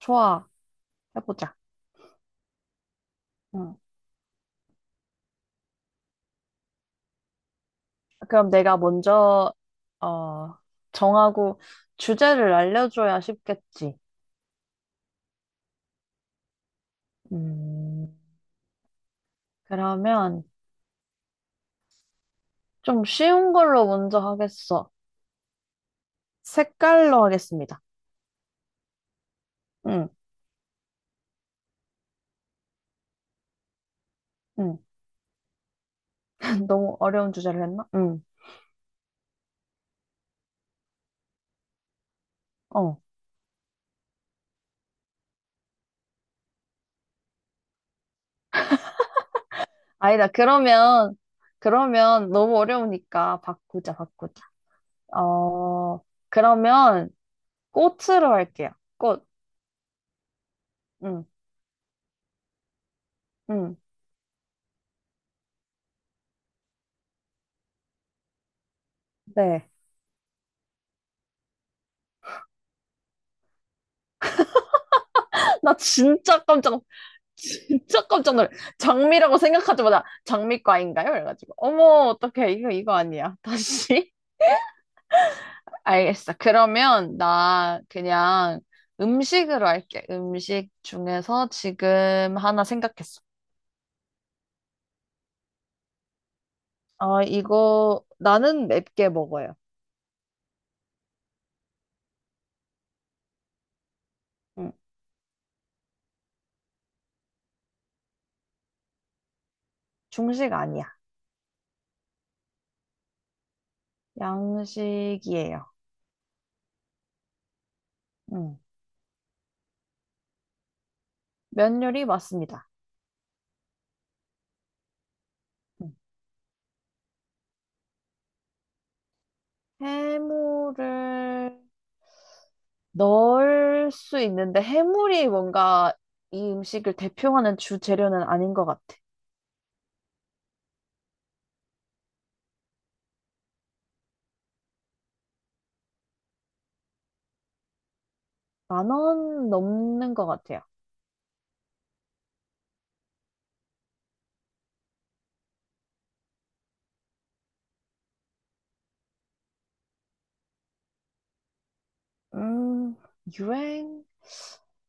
좋아, 해보자. 응. 그럼 내가 먼저, 어, 정하고 주제를 알려줘야 쉽겠지. 음, 그러면 좀 쉬운 걸로 먼저 하겠어. 색깔로 하겠습니다. 응, 응. 너무 어려운 주제를 했나? 응, 어. 아니다. 그러면, 그러면 너무 어려우니까 바꾸자, 바꾸자. 어, 그러면 꽃으로 할게요. 꽃. 응, 응. 네. 나 진짜 깜짝 놀래. 장미라고 생각하자마자 장미과인가요? 그래가지고 어머 어떡해 이거 아니야. 다시 알겠어. 그러면 나 그냥 음식으로 할게. 음식 중에서 지금 하나 생각했어. 어, 이거 나는 맵게 먹어요. 응. 중식 아니야. 양식이에요. 응. 면 요리 맞습니다. 응. 해물을 넣을 수 있는데 해물이 뭔가 이 음식을 대표하는 주 재료는 아닌 것 같아. 10,000원 넘는 것 같아요. 음, 유행?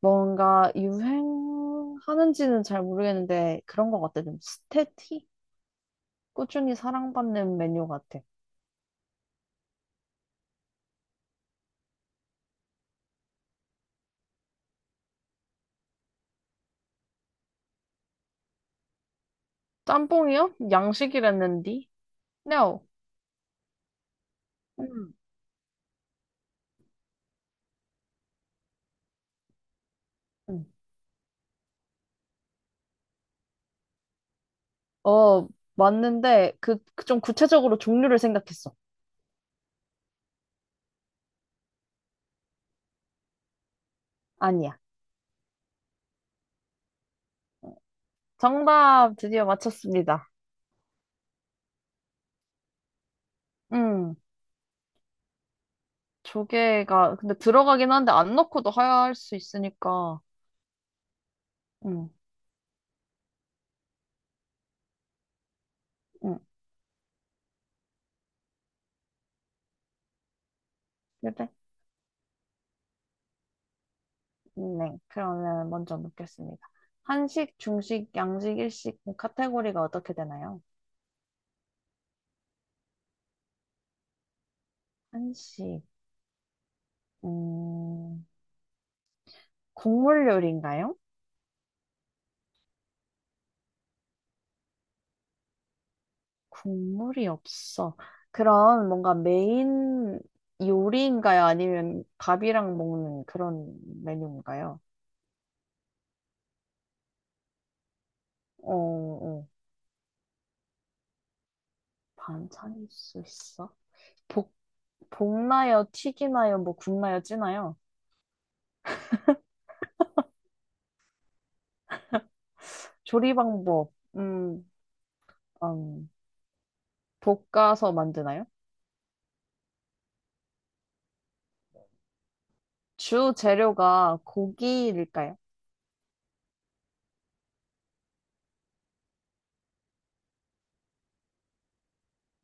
뭔가 유행하는지는 잘 모르겠는데 그런 것 같아. 좀 스테티? 꾸준히 사랑받는 메뉴 같아. 짬뽕이요? 양식이랬는디? No. 음. 음. 어, 맞는데 그좀 구체적으로 종류를 생각했어. 아니야. 정답 드디어 맞췄습니다. 음. 조개가 근데 들어가긴 한데 안 넣고도 하얄 수 있으니까 응, 응, 그래? 네, 그러면 먼저 묻겠습니다. 한식, 중식, 양식, 일식 카테고리가 어떻게 되나요? 한식, 음, 국물 요리인가요? 국물이 없어. 그럼 뭔가 메인 요리인가요? 아니면 밥이랑 먹는 그런 메뉴인가요? 어, 어, 반찬일 수 있어? 볶, 볶나요, 튀기나요, 뭐 굽나요, 찌나요? 조리 방법, 음, 볶아서 만드나요? 주 재료가 고기일까요?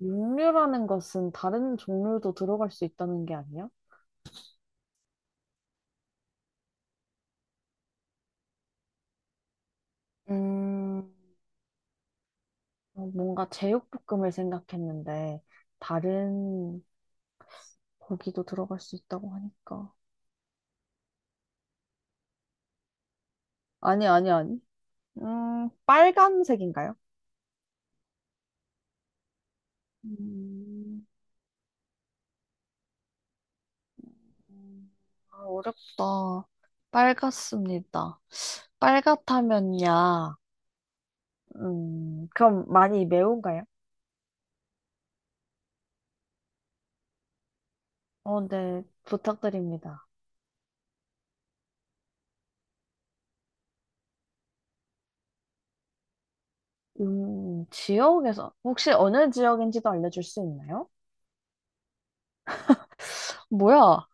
육류라는 것은 다른 종류도 들어갈 수 있다는 게 아니에요? 음, 어, 뭔가 제육볶음을 생각했는데, 다른 고기도 들어갈 수 있다고 하니까. 아니, 아니, 아니. 빨간색인가요? 음, 음, 아, 어렵다. 빨갛습니다. 빨갛다면야, 그럼 많이 매운가요? 어, 네, 부탁드립니다. 지역에서, 혹시 어느 지역인지도 알려줄 수 있나요? 뭐야?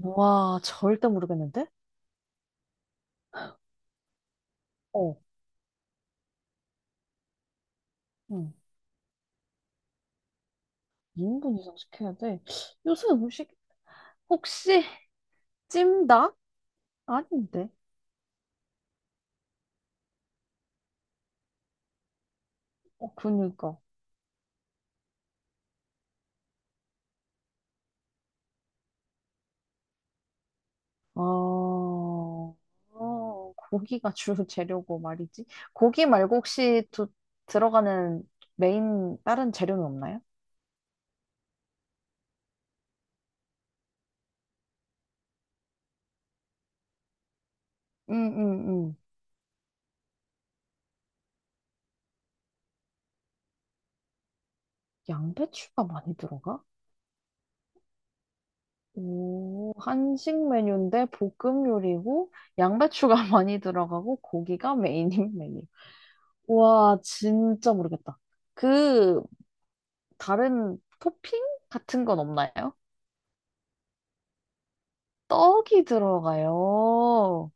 와, 절대 모르겠는데? 어, 음, 인분 이상 시켜야 돼. 요새 음식, 혹시 찜닭? 아닌데? 어, 그니까. 어, 어, 고기가 주 재료고 말이지. 고기 말고 혹시 들어가는 메인 다른 재료는 없나요? 음, 음, 음. 양배추가 많이 들어가? 오, 한식 메뉴인데 볶음 요리고 양배추가 많이 들어가고 고기가 메인인 메뉴. 와, 진짜 모르겠다. 그 다른 토핑 같은 건 없나요? 떡이 들어가요.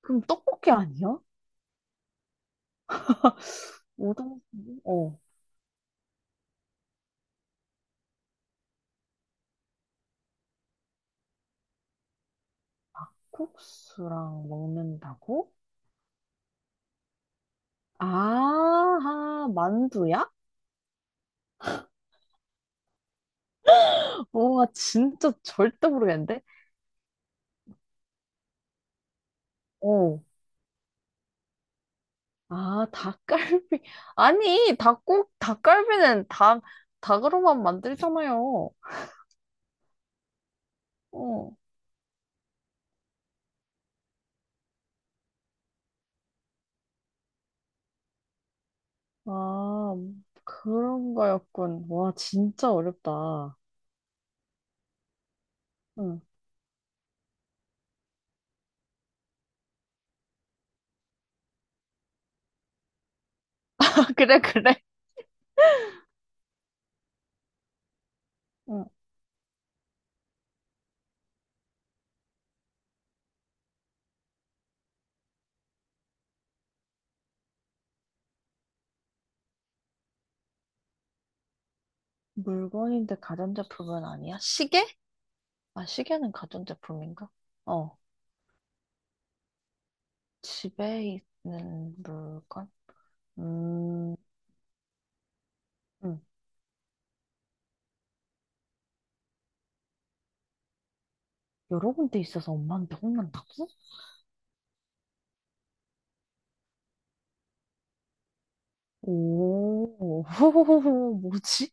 그럼 떡볶이 아니야? 우동수 어, 콩국수랑 먹는다고? 아, 만두야? 와, 진짜 절대 모르겠는데? 어, 아, 닭갈비. 아니, 닭갈비는 닭으로만 만들잖아요. 어, 아, 그런 거였군. 와, 진짜 어렵다. 응. 아, 그래, 그래. 응. 물건인데 가전제품은 아니야? 시계? 아, 시계는 가전제품인가? 어 집에 있는 물건? 음, 음, 여러 군데 있어서 엄마한테 혼난다고? 오, 뭐지?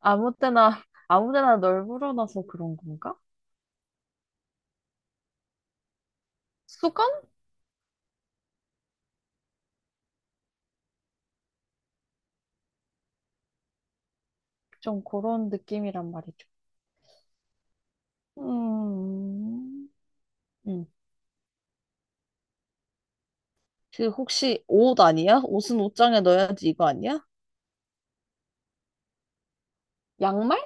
아무 때나, 아무 데나 널 불어놔서 그런 건가? 수건? 좀 그런 느낌이란 말이죠. 음, 음. 그 혹시 옷 아니야? 옷은 옷장에 넣어야지 이거 아니야? 양말?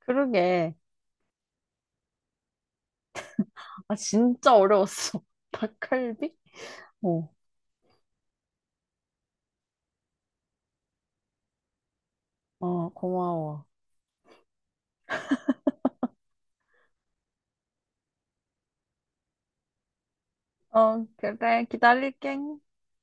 그러게. 아, 진짜 어려웠어. 닭갈비? 어, 어, 고마워. 어, 그래, 기다릴게.